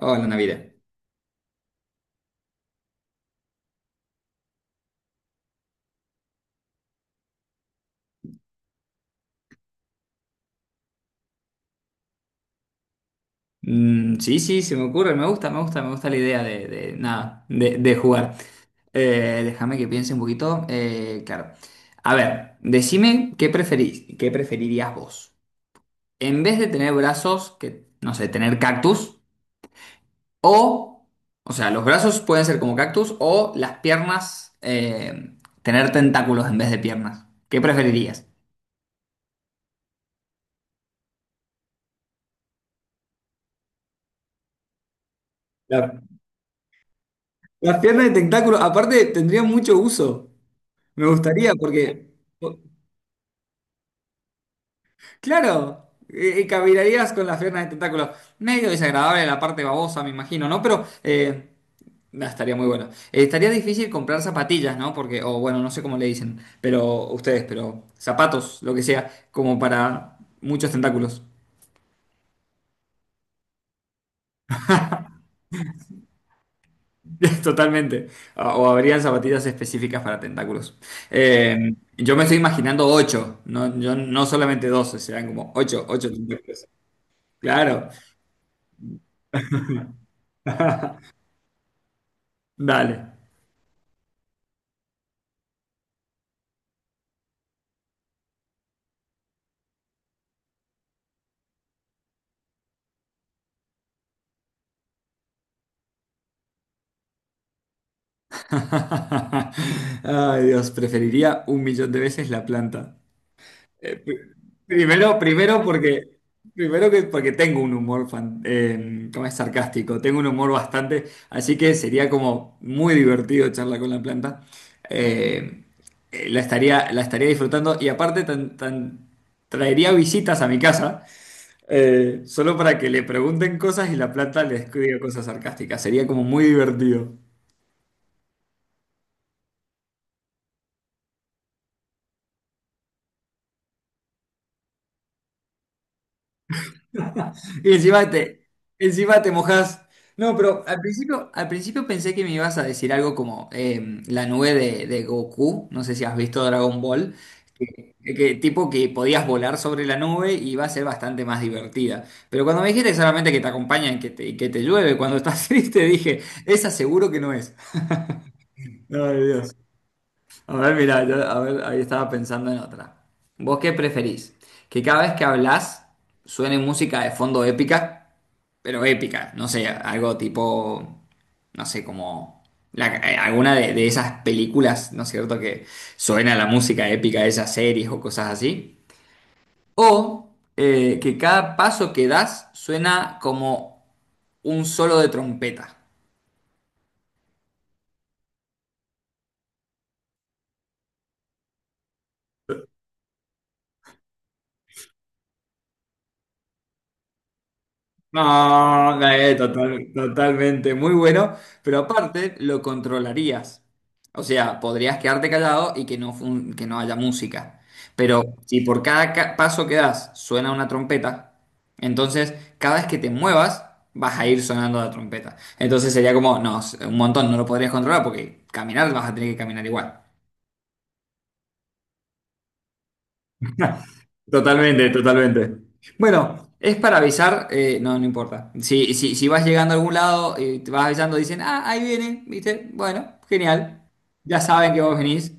Hola, Navidad. Sí, sí, se me ocurre. Me gusta, me gusta, me gusta la idea de- nada, de jugar. Déjame que piense un poquito. Claro. A ver, decime qué preferís, qué preferirías vos. En vez de tener brazos, que, no sé, tener cactus, o, o sea, los brazos pueden ser como cactus, o las piernas, tener tentáculos en vez de piernas. ¿Qué preferirías? La- Las piernas de tentáculo, aparte, tendrían mucho uso. Me gustaría porque, Claro, caminarías con las piernas de tentáculo. Medio desagradable la parte babosa, me imagino, ¿no? Pero nah, estaría muy bueno. Estaría difícil comprar zapatillas, ¿no? Porque, o bueno, no sé cómo le dicen, pero ustedes, pero zapatos, lo que sea, como para muchos tentáculos. Totalmente. Ah, o habrían zapatillas específicas para tentáculos. Yo me estoy imaginando ocho, no, yo, no solamente 12, serán como ocho, ocho tentáculos. Claro, dale. Ay, Dios, preferiría un millón de veces la planta. Eh, pri- Primero, primero porque, primero que porque tengo un humor ¿cómo es? Sarcástico, tengo un humor bastante, así que sería como muy divertido charlar con la planta. Eh, la estaría disfrutando y aparte traería visitas a mi casa solo para que le pregunten cosas y la planta les diga cosas sarcásticas. Sería como muy divertido. Y encima te, encima te mojás. No, pero al principio pensé que me ibas a decir algo como la nube de Goku. No sé si has visto Dragon Ball. Que tipo que podías volar sobre la nube y iba a ser bastante más divertida. Pero cuando me dijiste solamente que te acompañan y que te llueve cuando estás triste, dije, esa seguro que no es. Ay, Dios. A ver, mira, a ver, ahí estaba pensando en otra. ¿Vos qué preferís? ¿Que cada vez que hablas suene música de fondo épica? Pero épica, no sé, algo tipo, no sé, como alguna de esas películas, ¿no es cierto?, que suena la música épica de esas series o cosas así. O que cada paso que das suena como un solo de trompeta. No, no, totalmente, muy bueno, pero aparte lo controlarías. O sea, podrías quedarte callado y que no, que no haya música. Pero si por cada paso que das suena una trompeta, entonces cada vez que te muevas vas a ir sonando la trompeta. Entonces sería como, no, un montón, no lo podrías controlar porque caminar vas a tener que caminar igual. Totalmente, totalmente. Bueno, es para avisar, no, no importa. Si, si, si vas llegando a algún lado y te vas avisando, dicen, ah, ahí viene, ¿viste? Bueno, genial. Ya saben que vos venís.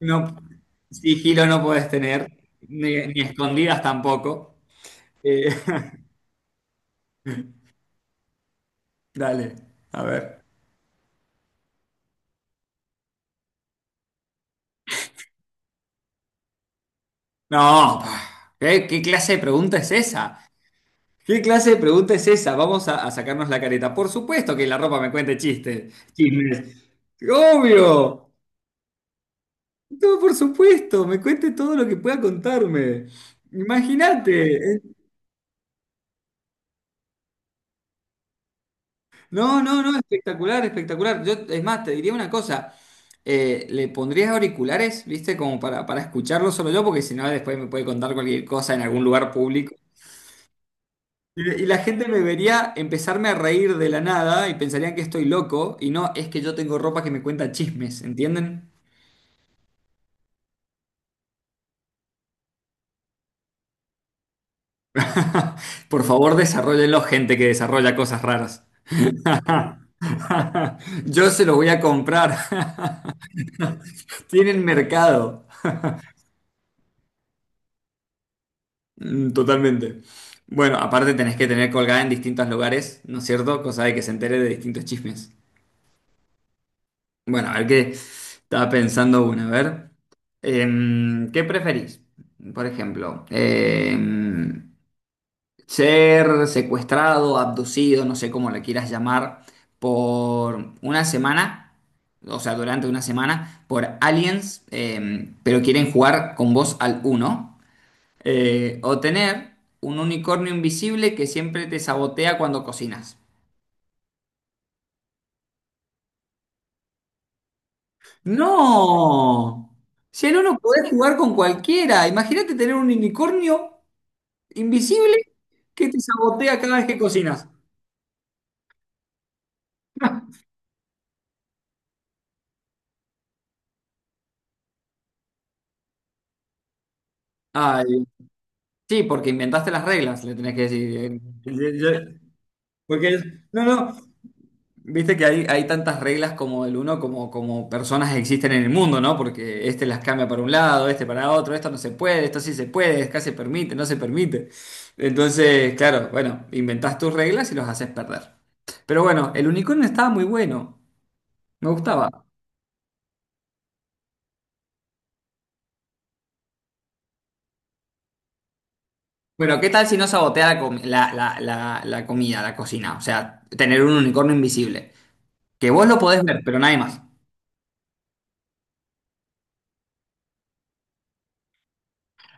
No, sigilo no podés tener, ni, ni escondidas tampoco. Eh, dale, a ver. No, pa, ¿qué, qué clase de pregunta es esa? ¿Qué clase de pregunta es esa? Vamos a sacarnos la careta. Por supuesto que la ropa me cuente chistes, chismes. Obvio. No, por supuesto, me cuente todo lo que pueda contarme. Imagínate. No, no, no, espectacular, espectacular. Yo, es más, te diría una cosa. Le pondrías auriculares, ¿viste? Como para escucharlo solo yo, porque si no, después me puede contar cualquier cosa en algún lugar público. Y la gente me vería empezarme a reír de la nada y pensarían que estoy loco. Y no, es que yo tengo ropa que me cuenta chismes, ¿entienden? Por favor, desarrollenlo, gente que desarrolla cosas raras. Yo se los voy a comprar. Tienen mercado. Totalmente. Bueno, aparte tenés que tener colgada en distintos lugares, ¿no es cierto? Cosa de que se entere de distintos chismes. Bueno, a ver qué estaba pensando una. A ver. ¿Qué preferís? Por ejemplo, ser secuestrado, abducido, no sé cómo le quieras llamar, por una semana, o sea, durante una semana, por aliens, pero quieren jugar con vos al uno, o tener un unicornio invisible que siempre te sabotea cuando cocinas. ¡No! Si en uno podés jugar con cualquiera, imagínate tener un unicornio invisible que te sabotea cada vez que cocinas. Ay, sí, porque inventaste las reglas, le tenés que decir. Porque no, no, viste que hay tantas reglas como el uno como, como personas existen en el mundo, ¿no? Porque este las cambia para un lado, este para otro, esto no se puede, esto sí se puede, acá se permite, no se permite. Entonces, claro, bueno, inventás tus reglas y los haces perder. Pero bueno, el unicornio estaba muy bueno, me gustaba. Bueno, ¿qué tal si no sabotea la comida, la cocina? O sea, tener un unicornio invisible. Que vos lo podés ver, pero nadie más.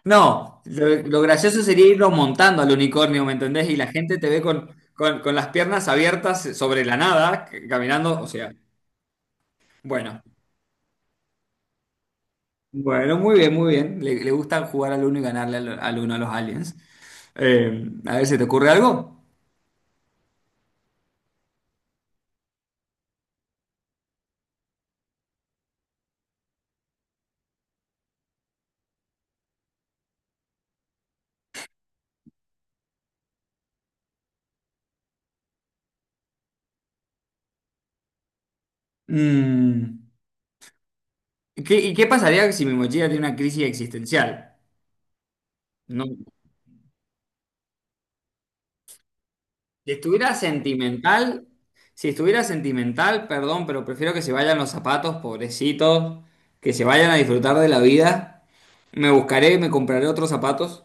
No, lo gracioso sería irlo montando al unicornio, ¿me entendés? Y la gente te ve con, con las piernas abiertas sobre la nada, caminando, o sea, bueno, bueno, muy bien, muy bien. Le gusta jugar al uno y ganarle al, al uno a los aliens. A ver, ¿se te ocurre algo? Mm, ¿Y qué pasaría si mi mochila tiene una crisis existencial? No, si estuviera sentimental, si estuviera sentimental, perdón, pero prefiero que se vayan los zapatos, pobrecitos, que se vayan a disfrutar de la vida. Me buscaré, me compraré otros zapatos.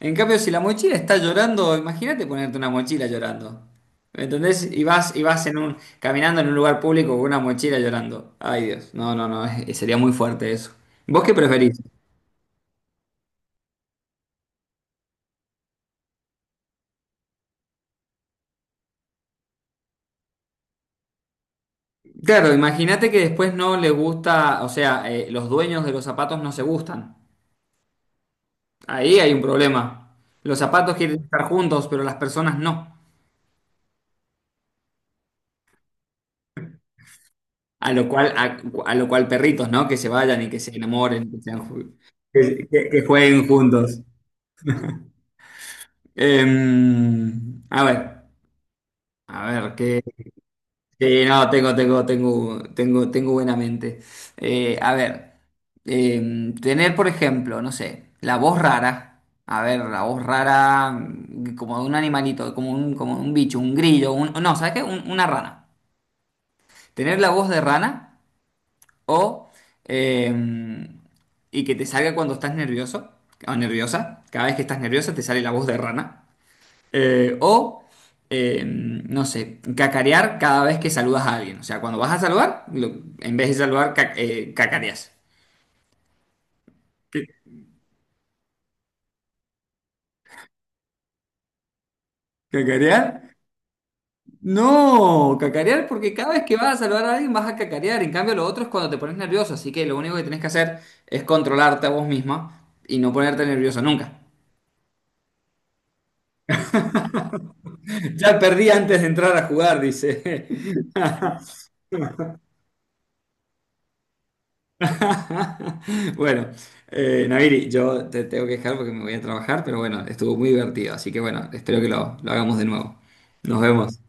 En cambio, si la mochila está llorando, imagínate ponerte una mochila llorando. ¿Me entendés? Y vas en un, caminando en un lugar público con una mochila llorando. Ay, Dios. No, no, no. Sería muy fuerte eso. ¿Vos qué preferís? Claro, imagínate que después no le gusta, o sea, los dueños de los zapatos no se gustan. Ahí hay un problema. Los zapatos quieren estar juntos, pero las personas no. A lo cual, a, a lo cual perritos, ¿no? Que se vayan y que se enamoren, que, que jueguen juntos. Em, a ver, a ver, que no, tengo buena mente. A ver, tener, por ejemplo, no sé, la voz rara. A ver, la voz rara, como de un animalito, como un bicho, un grillo, un, no, ¿sabes qué? Una rana. Tener la voz de rana. O, eh, y que te salga cuando estás nervioso o nerviosa. Cada vez que estás nerviosa te sale la voz de rana. Eh, o, no sé, cacarear cada vez que saludas a alguien. O sea, cuando vas a saludar, en vez de saludar, cacareas. ¿Qué? ¿Cacarear? No, cacarear porque cada vez que vas a saludar a alguien vas a cacarear. En cambio, lo otro es cuando te pones nervioso. Así que lo único que tenés que hacer es controlarte a vos misma y no ponerte nervioso nunca. Ya perdí antes de entrar a jugar, dice. Bueno, Naviri, yo te tengo que dejar porque me voy a trabajar, pero bueno, estuvo muy divertido, así que bueno, espero que lo hagamos de nuevo. Nos vemos.